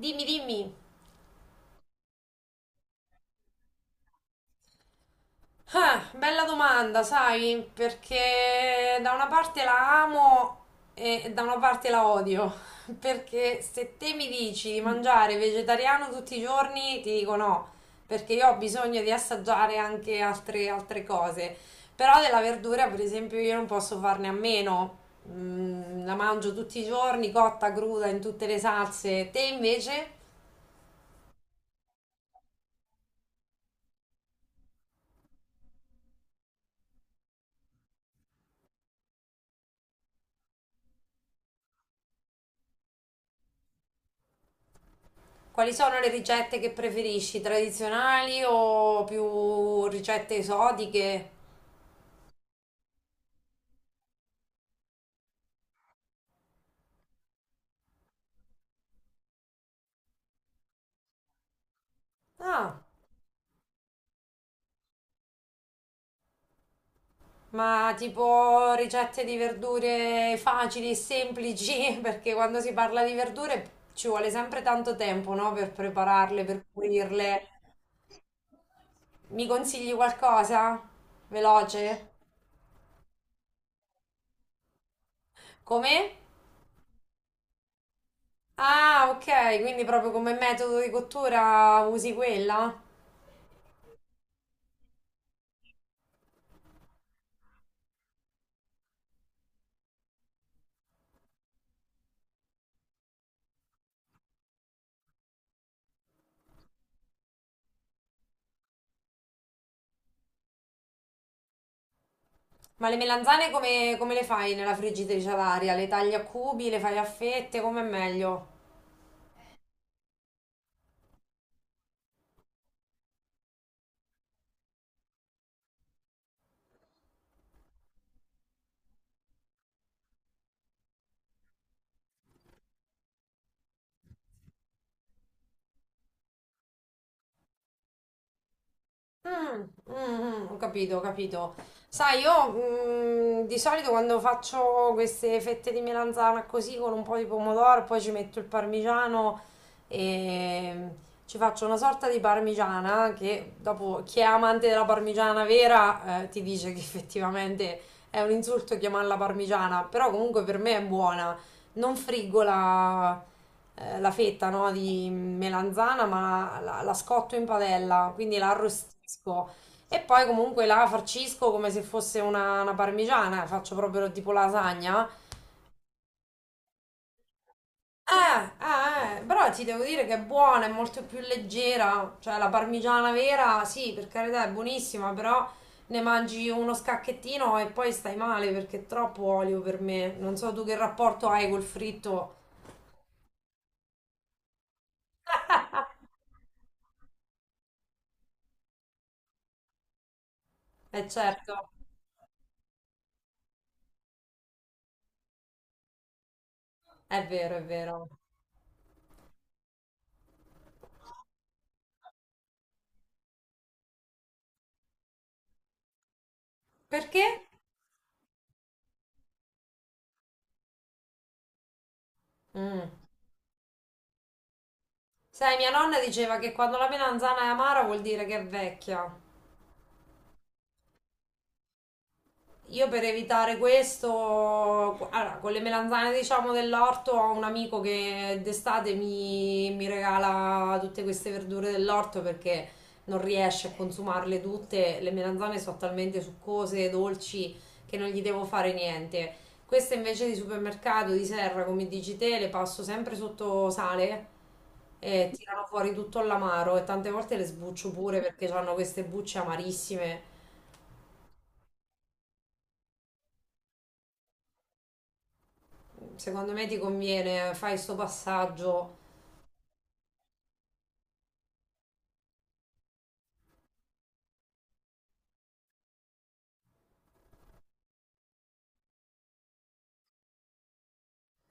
Dimmi, dimmi. Ah, bella domanda, sai, perché da una parte la amo e da una parte la odio. Perché se te mi dici di mangiare vegetariano tutti i giorni, ti dico no, perché io ho bisogno di assaggiare anche altre cose. Però della verdura, per esempio, io non posso farne a meno. Mm, la mangio tutti i giorni, cotta, cruda, in tutte le salse. Te invece? Quali sono le ricette che preferisci? Tradizionali o più ricette esotiche? Ah, ma tipo ricette di verdure facili e semplici, perché quando si parla di verdure ci vuole sempre tanto tempo, no? Per prepararle, per pulirle. Mi consigli qualcosa? Veloce? Come? Ah, ok, quindi proprio come metodo di cottura usi quella? Ma le melanzane come le fai nella friggitrice ad aria? Le tagli a cubi, le fai a fette, come è meglio? Mm, ho capito, ho capito. Sai, io di solito quando faccio queste fette di melanzana così con un po' di pomodoro, poi ci metto il parmigiano e ci faccio una sorta di parmigiana che dopo chi è amante della parmigiana vera, ti dice che effettivamente è un insulto chiamarla parmigiana, però comunque per me è buona. Non friggola, la fetta, no, di melanzana, ma la scotto in padella, quindi la arrostisco e poi comunque la farcisco come se fosse una parmigiana, faccio proprio tipo lasagna. Però ti devo dire che è buona, è molto più leggera, cioè la parmigiana vera, sì, per carità è buonissima, però ne mangi uno scacchettino e poi stai male perché è troppo olio per me. Non so tu che rapporto hai col fritto. Eh, certo, è vero, è vero. Perché? Mm. Sai, mia nonna diceva che quando la melanzana è amara vuol dire che è vecchia. Io per evitare questo, allora, con le melanzane diciamo dell'orto ho un amico che d'estate mi regala tutte queste verdure dell'orto perché non riesce a consumarle tutte, le melanzane sono talmente succose, dolci, che non gli devo fare niente. Queste invece di supermercato, di serra, come dici te, le passo sempre sotto sale e tirano fuori tutto l'amaro e tante volte le sbuccio pure perché hanno queste bucce amarissime, secondo me ti conviene, fai sto passaggio.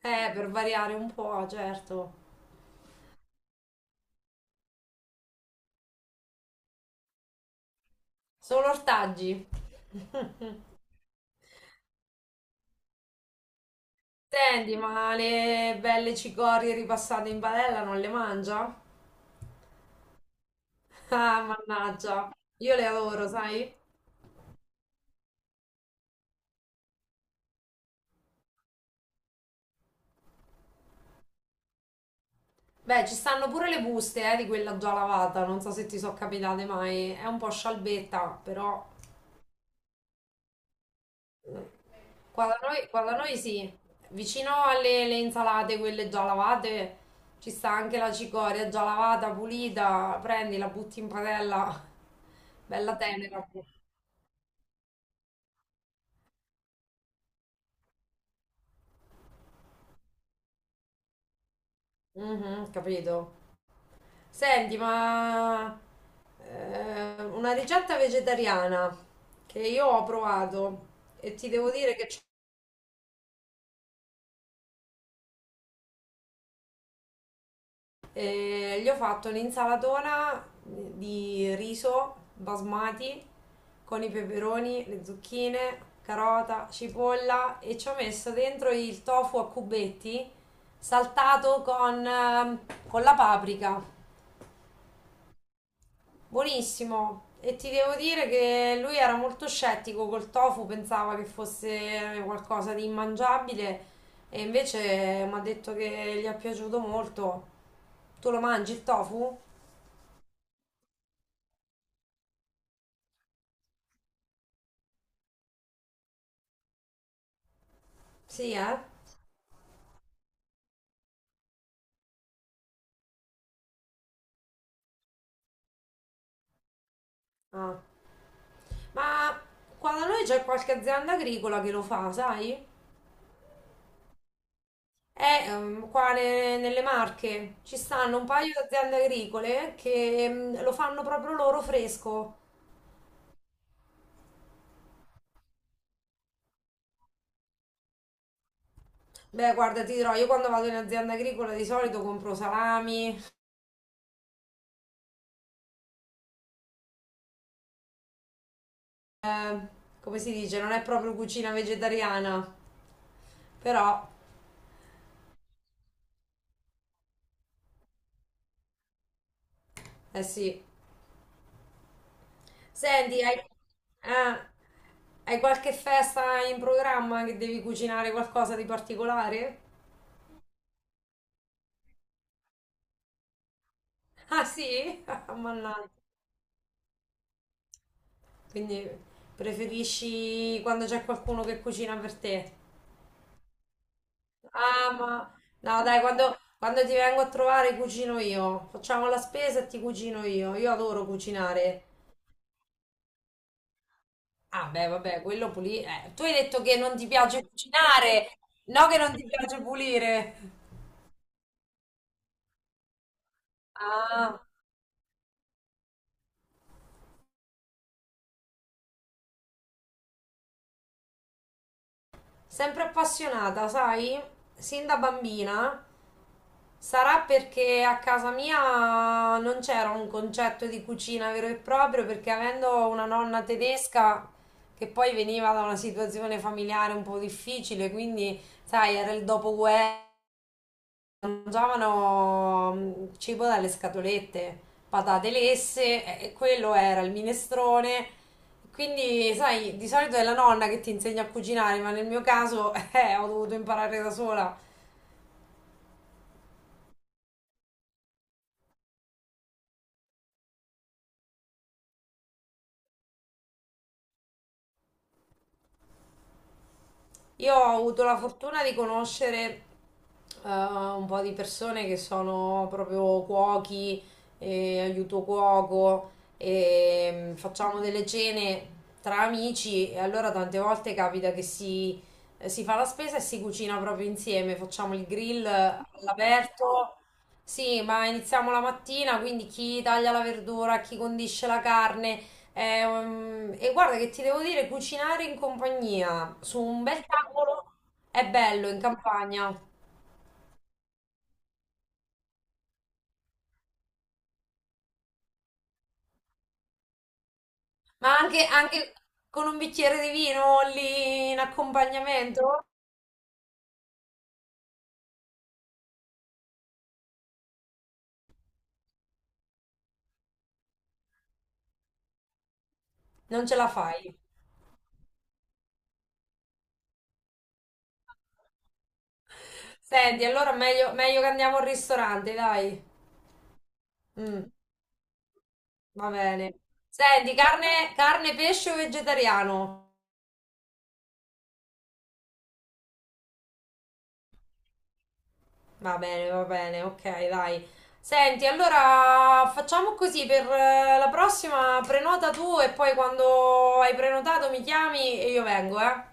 Per variare un po', certo. Solo ortaggi. Senti, ma le belle cicorie ripassate in padella non le mangia? Ah, mannaggia. Io le adoro, sai? Beh, ci stanno pure le buste, di quella già lavata, non so se ti sono capitate mai. È un po' scialbetta, però qua da noi, qua da noi sì, vicino alle insalate, quelle già lavate, ci sta anche la cicoria già lavata, pulita, prendi, la butti in padella, bella tenera. Mhm, capito. Senti, ma una ricetta vegetariana che io ho provato e ti devo dire che gli ho fatto un'insalatona di riso basmati con i peperoni, le zucchine, carota, cipolla e ci ho messo dentro il tofu a cubetti saltato con la paprika. Buonissimo. E ti devo dire che lui era molto scettico col tofu, pensava che fosse qualcosa di immangiabile e invece mi ha detto che gli è piaciuto molto. Tu lo mangi il tofu? Sì, eh? Ah. Ma qua da noi c'è qualche azienda agricola che lo fa, sai? Qua nelle Marche ci stanno un paio di aziende agricole che lo fanno proprio loro fresco. Beh, guarda, ti dirò, io quando vado in azienda agricola di solito compro salami, eh, come si dice, non è proprio cucina vegetariana, però, eh, sì. Senti, hai, hai qualche festa in programma che devi cucinare qualcosa di particolare? Ah sì? Mannaggia. Quindi preferisci quando c'è qualcuno che cucina per te? Ah, ma no, dai, quando ti vengo a trovare cucino io. Facciamo la spesa e ti cucino io. Io adoro cucinare. Ah, beh, vabbè, quello pulire. Tu hai detto che non ti piace cucinare, no che non ti piace pulire. Ah. Sempre appassionata, sai? Sin da bambina. Sarà perché a casa mia non c'era un concetto di cucina vero e proprio, perché avendo una nonna tedesca che poi veniva da una situazione familiare un po' difficile, quindi, sai, era il dopoguerra. Mangiavano cibo dalle scatolette, patate lesse, e quello era il minestrone. Quindi, sai, di solito è la nonna che ti insegna a cucinare, ma nel mio caso, ho dovuto imparare da sola. Io ho avuto la fortuna di conoscere, un po' di persone che sono proprio cuochi, aiuto cuoco, e, facciamo delle cene tra amici e allora tante volte capita che si fa la spesa e si cucina proprio insieme, facciamo il grill, all'aperto. Sì, ma iniziamo la mattina, quindi chi taglia la verdura, chi condisce la carne, e guarda che ti devo dire, cucinare in compagnia su un bel tavolo è bello in campagna, ma anche con un bicchiere di vino lì in accompagnamento non ce la fai. Senti, allora meglio che andiamo al ristorante, dai. Mm, va bene. Senti, carne, pesce o vegetariano? Va bene, ok, dai. Senti, allora facciamo così per, la prossima, prenota tu e poi quando hai prenotato mi chiami e io vengo, eh?